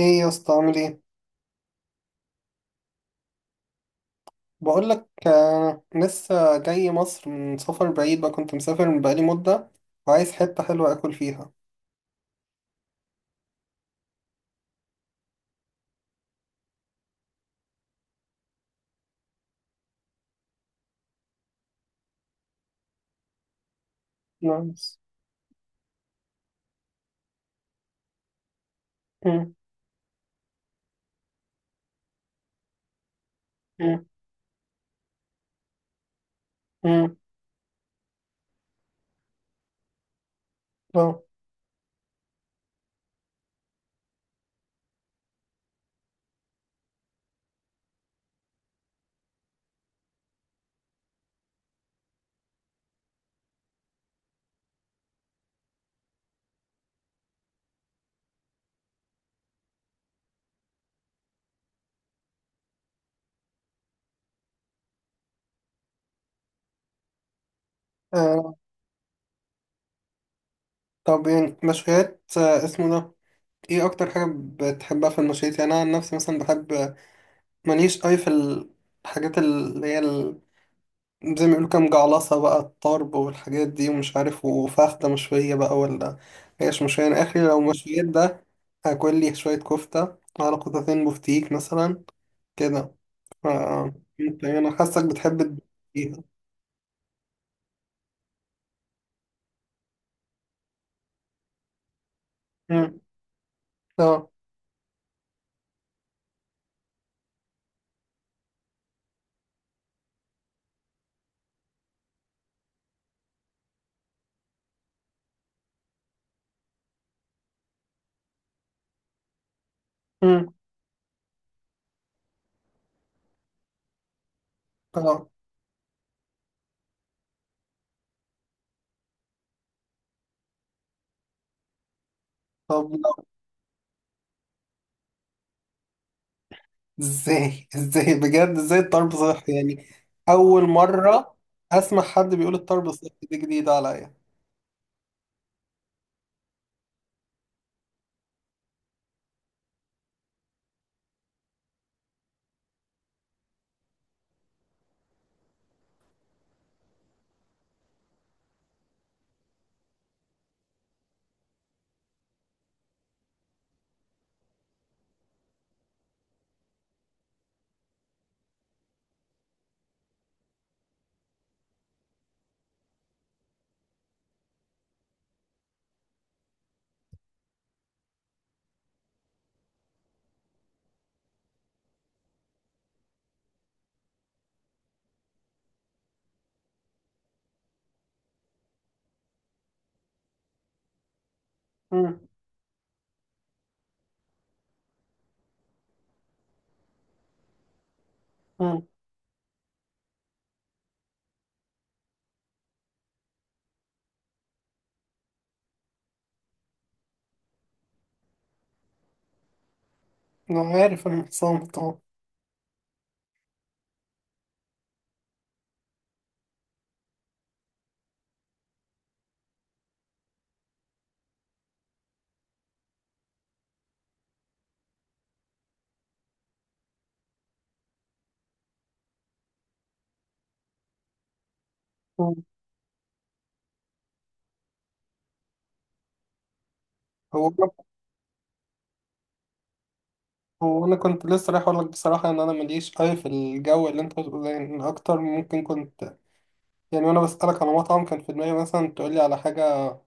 ايه يا اسطى عامل ايه؟ بقول لك لسه جاي مصر من سفر بعيد بقى، كنت مسافر من بقالي مدة وعايز حتة حلوة اكل فيها. نايس. مم، مم، مم، اه. آه، طب يعني مشويات، اسمه ده، ايه اكتر حاجة بتحبها في المشويات؟ يعني انا عن نفسي مثلا بحب، ماليش أوي في الحاجات اللي هي زي ما بيقولوا كام جعلصة بقى، الطرب والحاجات دي ومش عارف، وفخدة مشوية بقى ولا هيش مشوية. أنا آخري لو مشويات ده هاكل لي شوية كفتة على قطعتين بفتيك مثلا كده. ف يعني أنا حاسك بتحب فيها. مم. اه. مم. اه. طب لا. ازاي؟ ازاي بجد؟ ازاي الطرب صحي يعني؟ أول مرة أسمع حد بيقول الطرب صحي، دي جديدة عليا. مم. أنا عارف، أنا حسام طبعا. مم. هو أنا- هو أنا كنت لسه رايح أقولك بصراحة إن أنا ماليش أوي في الجو اللي أنت بتقول عليه، إن أكتر ممكن كنت، يعني وأنا بسألك على مطعم كان في دماغي مثلا تقولي على حاجة،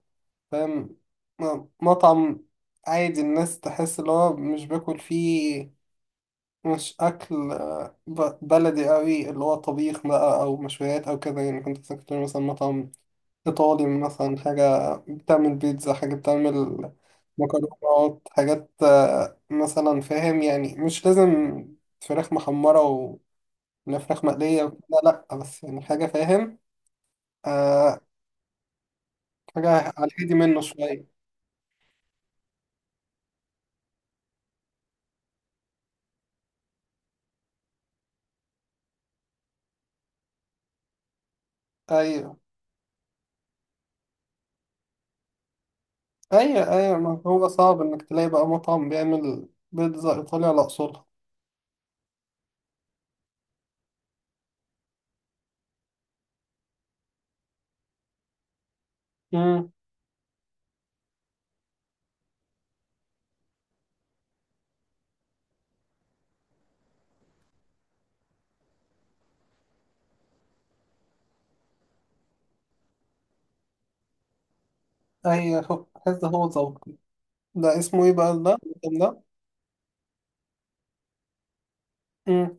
فاهم؟ مطعم عادي، الناس تحس اللي هو مش باكل فيه مش أكل بلدي أوي اللي هو طبيخ بقى أو مشويات أو كده. يعني كنت بس كنت تقولي مثلا مطعم إيطالي مثلا، حاجة بتعمل بيتزا، حاجة بتعمل مكرونات، حاجات مثلا، فاهم يعني؟ مش لازم فراخ محمرة ولا فراخ مقلية وكده، لأ، بس يعني حاجة، فاهم؟ آه، حاجة على الهادي منه شوية. أيوة. أيوة. أيوة، ما هو صعب إنك تلاقي بقى مطعم بيعمل بيتزا إيطالي على أصولها. أمم. أيوة، هو حاسس، هو ذوق. ده اسمه إيه بقى ده؟ المطعم ده؟ أمم.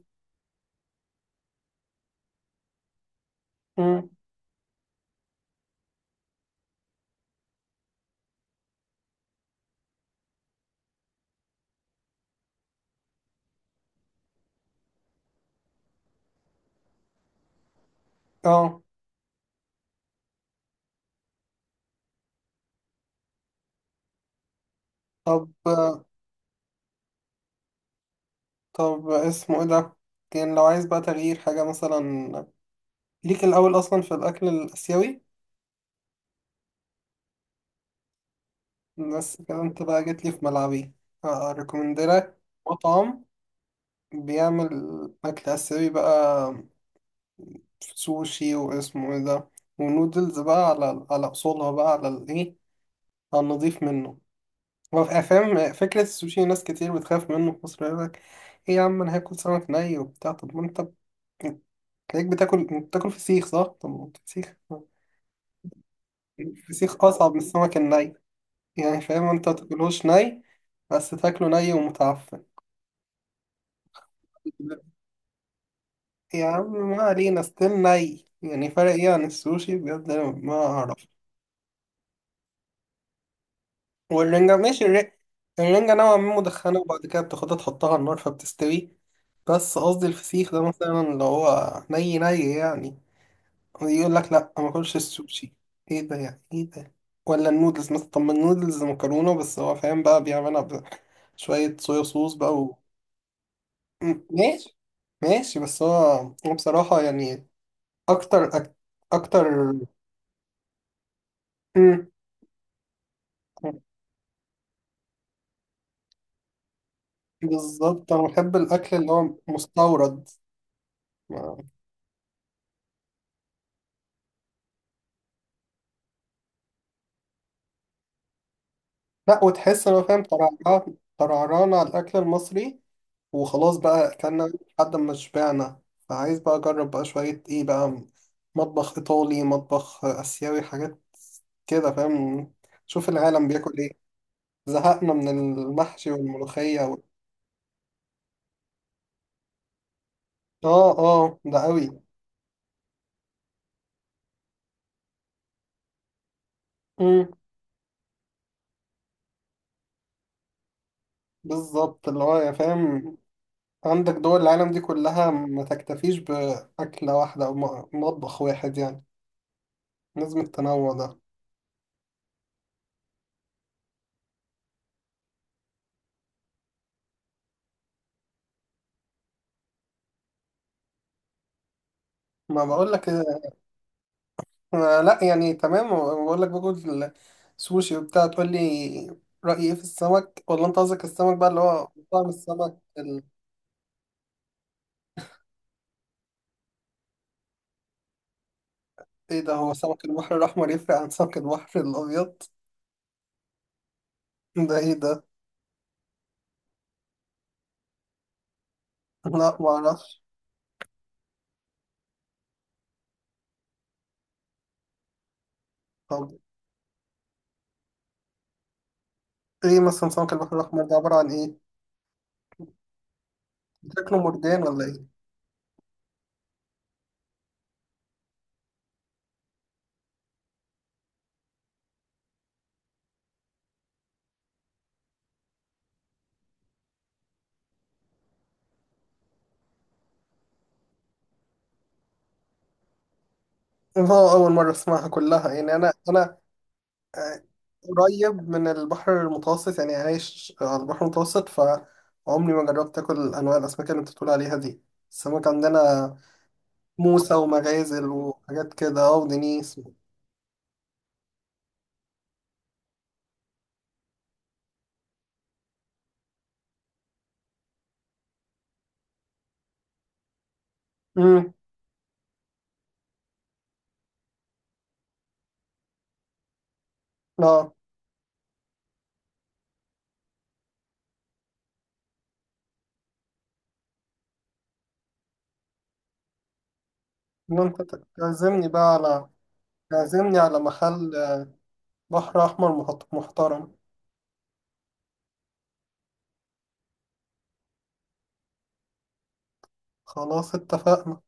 أمم. أه. طب، طب اسمه ايه ده؟ كان لو عايز بقى تغيير حاجة مثلا، ليك الأول أصلا في الأكل الآسيوي؟ بس كده أنت بقى جيت لي في ملعبي. أريكومندلك مطعم بيعمل أكل آسيوي بقى، سوشي واسمه ايه ده، ونودلز بقى، على على أصولها، بقى على الإيه، على النضيف منه. هو فاهم فكرة السوشي، ناس كتير بتخاف منه في مصر، يقول لك إيه يا عم، أنا هاكل سمك ني وبتاع؟ طب ما أنت بت- تلاقيك بتاكل بتاكل فسيخ، صح؟ طب ما هو فسيخ، الفسيخ أصعب من السمك الني، يعني فاهم؟ أنت تاكلهوش ني، بس تاكله ني ومتعفن. يا عم ما علينا، ستيل ني، يعني فرق إيه عن السوشي؟ بجد أنا ما أعرف. والرنجة ماشي، الرنجة نوعا ما مدخنة، وبعد كده بتاخدها تحطها على النار فبتستوي، بس قصدي الفسيخ ده مثلا اللي هو ني ني يعني، يقول لك لا ما اكلش السوشي، ايه ده يعني؟ ايه ده؟ ولا النودلز مثلا، طب ما النودلز مكرونه، بس هو فاهم بقى بيعملها بشويه صويا صوص بقى. ماشي. ماشي بس هو، هو بصراحة يعني، أكتر أك... أكتر. م. بالظبط، أنا بحب الأكل اللي هو مستورد. ما- لا، وتحس إن هو فاهم ترعران ترعران على الأكل المصري وخلاص بقى، أكلنا لحد ما شبعنا. فعايز بقى أجرب بقى شوية إيه بقى، مطبخ إيطالي، مطبخ آسيوي، حاجات كده فاهم، شوف العالم بياكل إيه. زهقنا من المحشي والملوخية وال... آه، آه، ده أوي. بالظبط، اللي هو يا فاهم، عندك دول العالم دي كلها، ما تكتفيش بأكلة واحدة أو مطبخ واحد يعني، لازم التنوع ده. ما بقول لك، لا يعني تمام، بقول لك باكل سوشي وبتاع، تقول لي رأيي إيه في السمك؟ ولا أنت قصدك السمك بقى اللي هو طعم السمك ال... إيه ده؟ هو سمك البحر الأحمر يفرق عن سمك البحر الأبيض؟ ده إيه ده؟ لا معرفش. طب إيه مثلا سمك البحر الأحمر ده عبارة عن إيه؟ شكله مرجان ولا إيه؟ اه، أول مرة أسمعها كلها، يعني أنا أنا آه، قريب من البحر المتوسط، يعني عايش على البحر المتوسط، فعمري ما جربت آكل أنواع الأسماك اللي أنت بتقول عليها دي. السمك عندنا موسى ومغازل وحاجات كده، اه، ودنيس و- أمم. اه. إن أنت تعزمني بقى على، تعزمني على محل بحر أحمر محترم. خلاص اتفقنا.